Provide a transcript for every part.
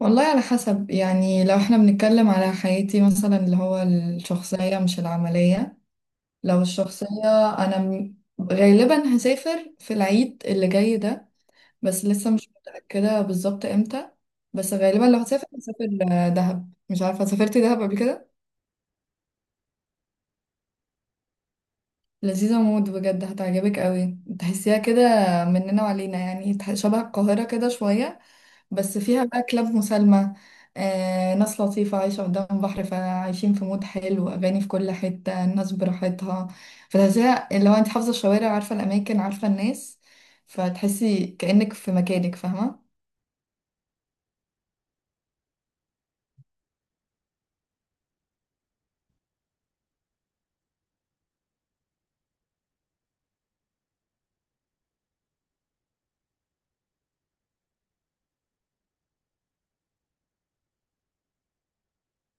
والله، على حسب. يعني لو احنا بنتكلم على حياتي مثلا اللي هو الشخصية مش العملية. لو الشخصية، أنا م- غالبا هسافر في العيد اللي جاي ده. بس لسه مش متأكدة بالظبط امتى. بس غالبا لو هسافر هسافر دهب. مش عارفة سافرتي دهب قبل كده؟ لذيذة موت بجد، هتعجبك قوي. تحسيها كده مننا وعلينا، يعني شبه القاهرة كده شوية. بس فيها بقى كلاب مسالمة، ناس لطيفة، عايشة قدام بحر، فعايشين في مود حلو، أغاني في كل حتة، الناس براحتها. فتحسيها اللي هو أنت حافظة الشوارع، عارفة الأماكن، عارفة الناس، فتحسي كأنك في مكانك، فاهمة.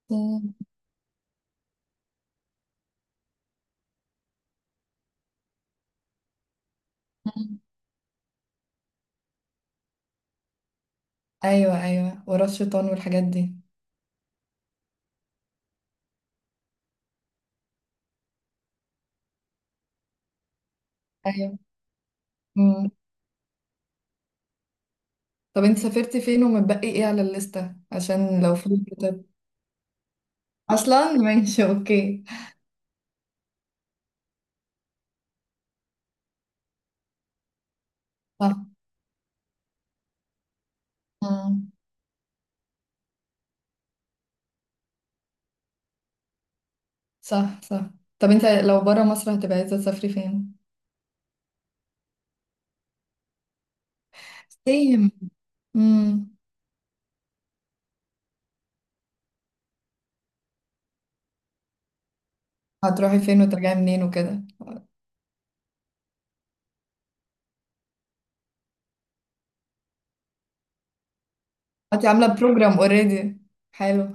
مم. أيوة أيوة، ورا الشيطان والحاجات دي. ايوه. مم. طب أنت سافرتي فين ومتبقي إيه على الليستة عشان لو في كتاب أصلا؟ ماشي، أوكي. صح. مم. صح صح. طب أنت لو برا مصر هتبقى عايزة تسافري فين؟ سيم. امم. هتروحي فين وترجعي منين وكده؟ انت عامله بروجرام اوريدي؟ حلو.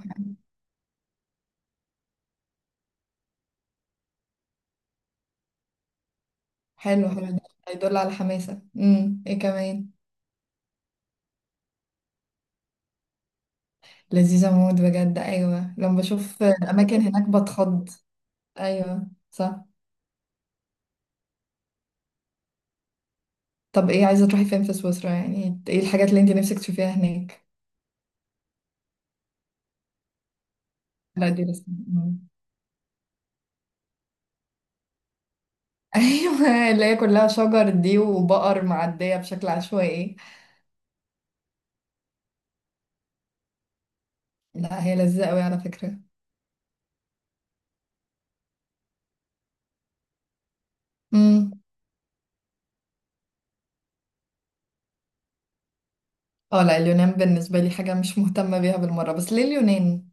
حلو، حلو ده. هيدل على حماسه. امم، ايه كمان؟ لذيذه موت بجد. ايوه، لما بشوف الاماكن هناك بتخض. ايوه صح. طب ايه عايزه تروحي فين في سويسرا؟ يعني ايه الحاجات اللي انت نفسك تشوفيها هناك؟ لا دي لسه. ايوه، اللي هي كلها شجر دي وبقر معديه بشكل عشوائي. لا هي لذيذه قوي على فكره. مم. اه لا، اليونان بالنسبة لي حاجة مش مهتمة بيها بالمرة. بس ليه اليونان؟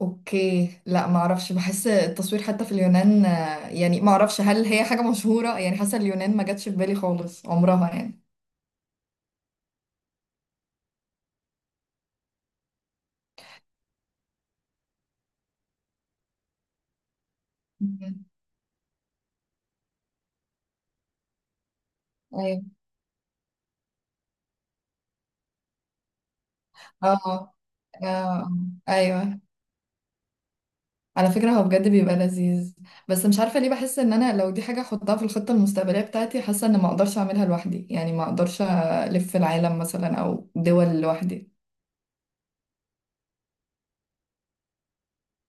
اوكي، لا معرفش، بحس التصوير حتى في اليونان يعني معرفش هل هي حاجة مشهورة. يعني حاسة اليونان ما جاتش في بالي خالص عمرها يعني. مم. ايوه. اه. آه، آه. ايوه. على فكرة هو بجد بيبقى لذيذ. بس مش عارفة ليه بحس ان انا لو دي حاجة احطها في الخطة المستقبلية بتاعتي، حاسة ان ما اقدرش اعملها لوحدي. يعني ما اقدرش الف العالم مثلا او دول لوحدي.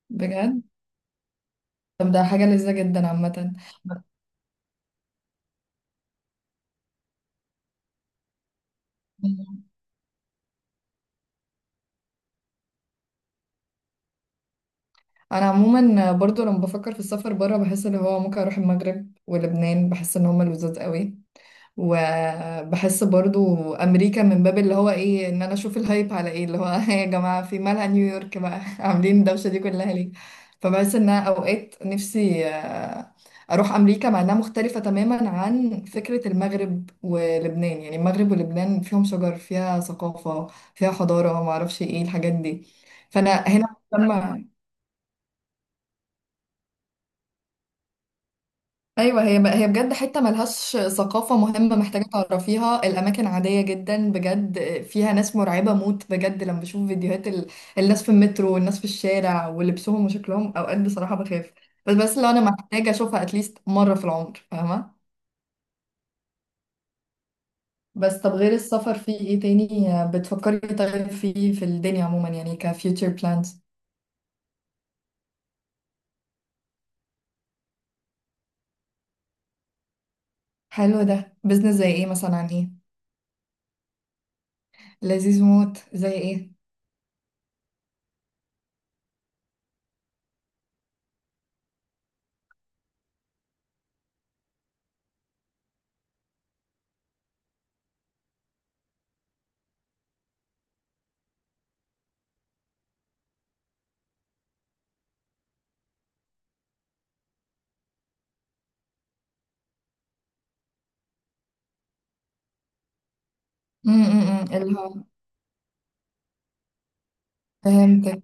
بجد. طب ده حاجة لذيذة جدا عامة. انا عموما برضو لما بفكر في السفر بره، بحس ان هو ممكن اروح المغرب ولبنان. بحس ان هما لذاذ قوي. وبحس برضو امريكا من باب اللي هو ايه، ان انا اشوف الهايب على ايه اللي هو، يا جماعه في مالها نيويورك بقى، عاملين الدوشه دي كلها ليه. فبحس ان أنا اوقات نفسي اروح امريكا، مع انها مختلفه تماما عن فكره المغرب ولبنان. يعني المغرب ولبنان فيهم شجر، فيها ثقافه، فيها حضاره، ما اعرفش ايه الحاجات دي. فانا هنا مهتمه. ايوه، هي، هي بجد حته ملهاش ثقافه مهمه محتاجه تعرفيها. الاماكن عاديه جدا بجد. فيها ناس مرعبه موت. بجد لما بشوف فيديوهات ال... الناس في المترو والناس في الشارع ولبسهم وشكلهم اوقات، بصراحه بخاف. بس لو انا محتاجه اشوفها اتليست مره في العمر، فاهمه. بس طب غير السفر في ايه تاني بتفكري؟ طيب، فيه في الدنيا عموما، يعني كفيوتشر بلانز؟ حلو ده، بزنس زي ايه مثلا، عن ايه؟ لذيذ موت، زي ايه؟ امم، اللي هو فهمتك.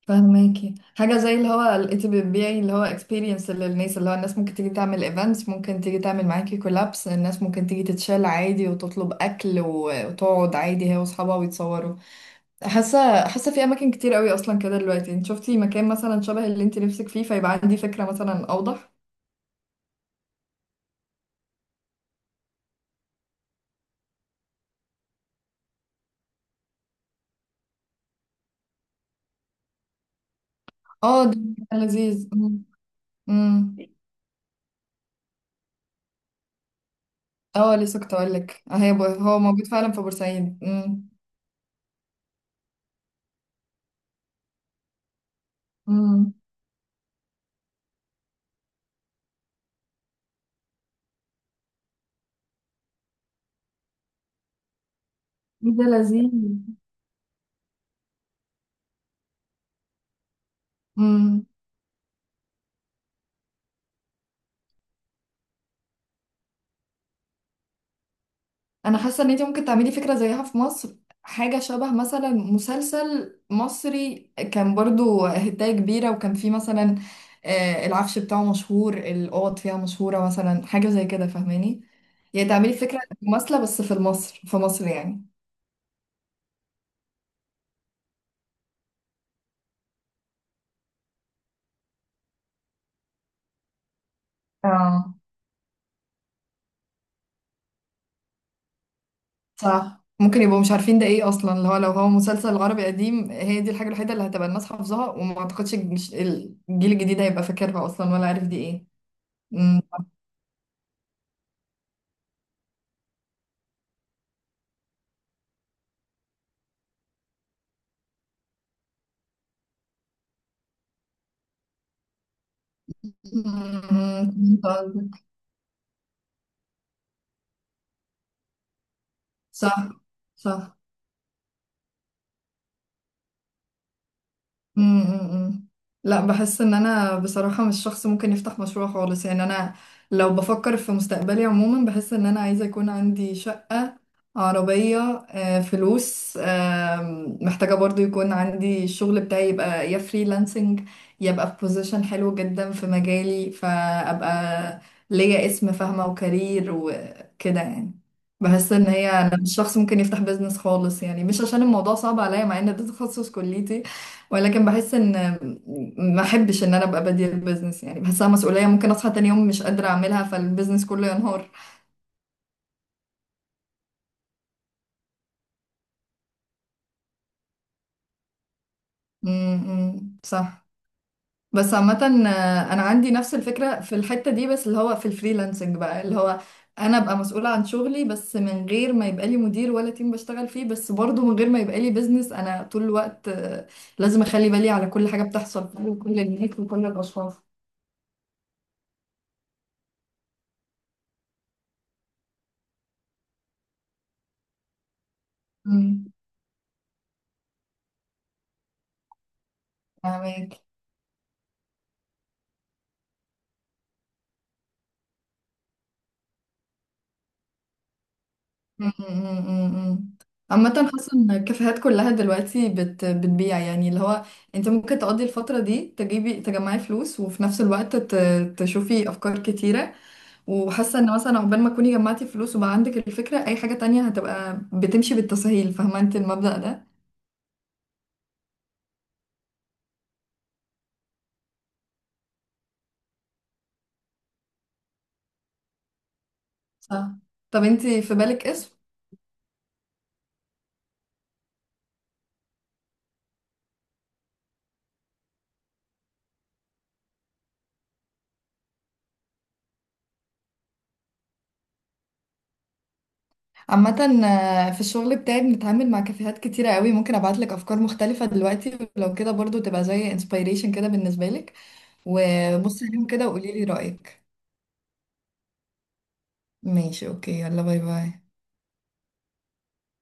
فهماكي، حاجة زي اللي هو لقيتي بتبيعي اللي هو experience للناس، اللي هو الناس ممكن تيجي تعمل events، ممكن تيجي تعمل معاكي collabs، الناس ممكن تيجي تتشال عادي وتطلب وتقعد عادي هي وأصحابها ويتصوروا. حاسة، حاسة في أماكن كتير قوي أصلا كده دلوقتي. انت شفتي مكان مثلا شبه اللي انت نفسك فيه، فيبقى عندي فكرة مثلا أوضح؟ اه ده مكان لذيذ. مم. مم. اه لسه كنت أقولك، هي هو موجود فعلا في بورسعيد. مم. مم. ده لذيذ. مم. انا حاسه ان انت ممكن تعملي فكره زيها في مصر. حاجه شبه مثلا مسلسل مصري كان برضو هدايه كبيره، وكان فيه مثلا العفش بتاعه مشهور، الاوض فيها مشهوره، مثلا حاجه زي كده، فاهماني؟ يعني تعملي فكره مماثله بس في مصر، في مصر يعني. اه صح، ممكن يبقوا مش عارفين ده ايه اصلا. اللي هو لو هو مسلسل عربي قديم، هي دي الحاجه الوحيده اللي هتبقى الناس حافظاها، وما اعتقدش الجيل الجديد هيبقى فاكرها اصلا ولا عارف دي ايه. مم. صح. صح. أمم أمم أمم. لا بحس ان انا بصراحة مش شخص ممكن يفتح مشروع خالص يعني. انا لو بفكر في مستقبلي عموما، بحس ان انا عايزة يكون عندي شقة، عربية، فلوس، محتاجة برضو يكون عندي الشغل بتاعي، يبقى يا فريلانسنج، يبقى في بوزيشن حلو جدا في مجالي، فأبقى ليا اسم فاهمة، وكارير وكده يعني. بحس ان هي انا مش شخص ممكن يفتح بيزنس خالص، يعني مش عشان الموضوع صعب عليا، مع ان ده تخصص كليتي، ولكن بحس ان ما احبش ان انا ابقى بادية البيزنس. يعني بحسها مسؤولية، ممكن اصحى تاني يوم مش قادرة اعملها فالبيزنس كله ينهار. صح. بس عامة انا عندي نفس الفكرة في الحتة دي، بس اللي هو في الفريلانسنج بقى، اللي هو انا ابقى مسؤولة عن شغلي بس من غير ما يبقى لي مدير ولا تيم بشتغل فيه، بس برضه من غير ما يبقى لي بيزنس انا طول الوقت لازم اخلي بالي على كل حاجة بتحصل وكل الناس وكل الاشخاص. امم. م- م- م- م. عامة حاسة ان الكافيهات كلها دلوقتي بتبيع، يعني اللي هو انت ممكن تقضي الفترة دي تجيبي تجمعي فلوس، وفي نفس الوقت تشوفي افكار كتيرة. وحاسة ان مثلا عقبال ما تكوني جمعتي فلوس وبقى عندك الفكرة، اي حاجة تانية هتبقى بتمشي بالتسهيل، فاهمة انت المبدأ ده. صح. طب انت في بالك اسم؟ عامة في الشغل بتاعي بنتعامل مع كافيهات كتيرة قوي، ممكن ابعتلك افكار مختلفة دلوقتي ولو كده، برضو تبقى زي انسبيريشن كده بالنسبة لك، وبصي عليهم كده وقولي لي رأيك. ماشي، اوكي، يلا باي باي.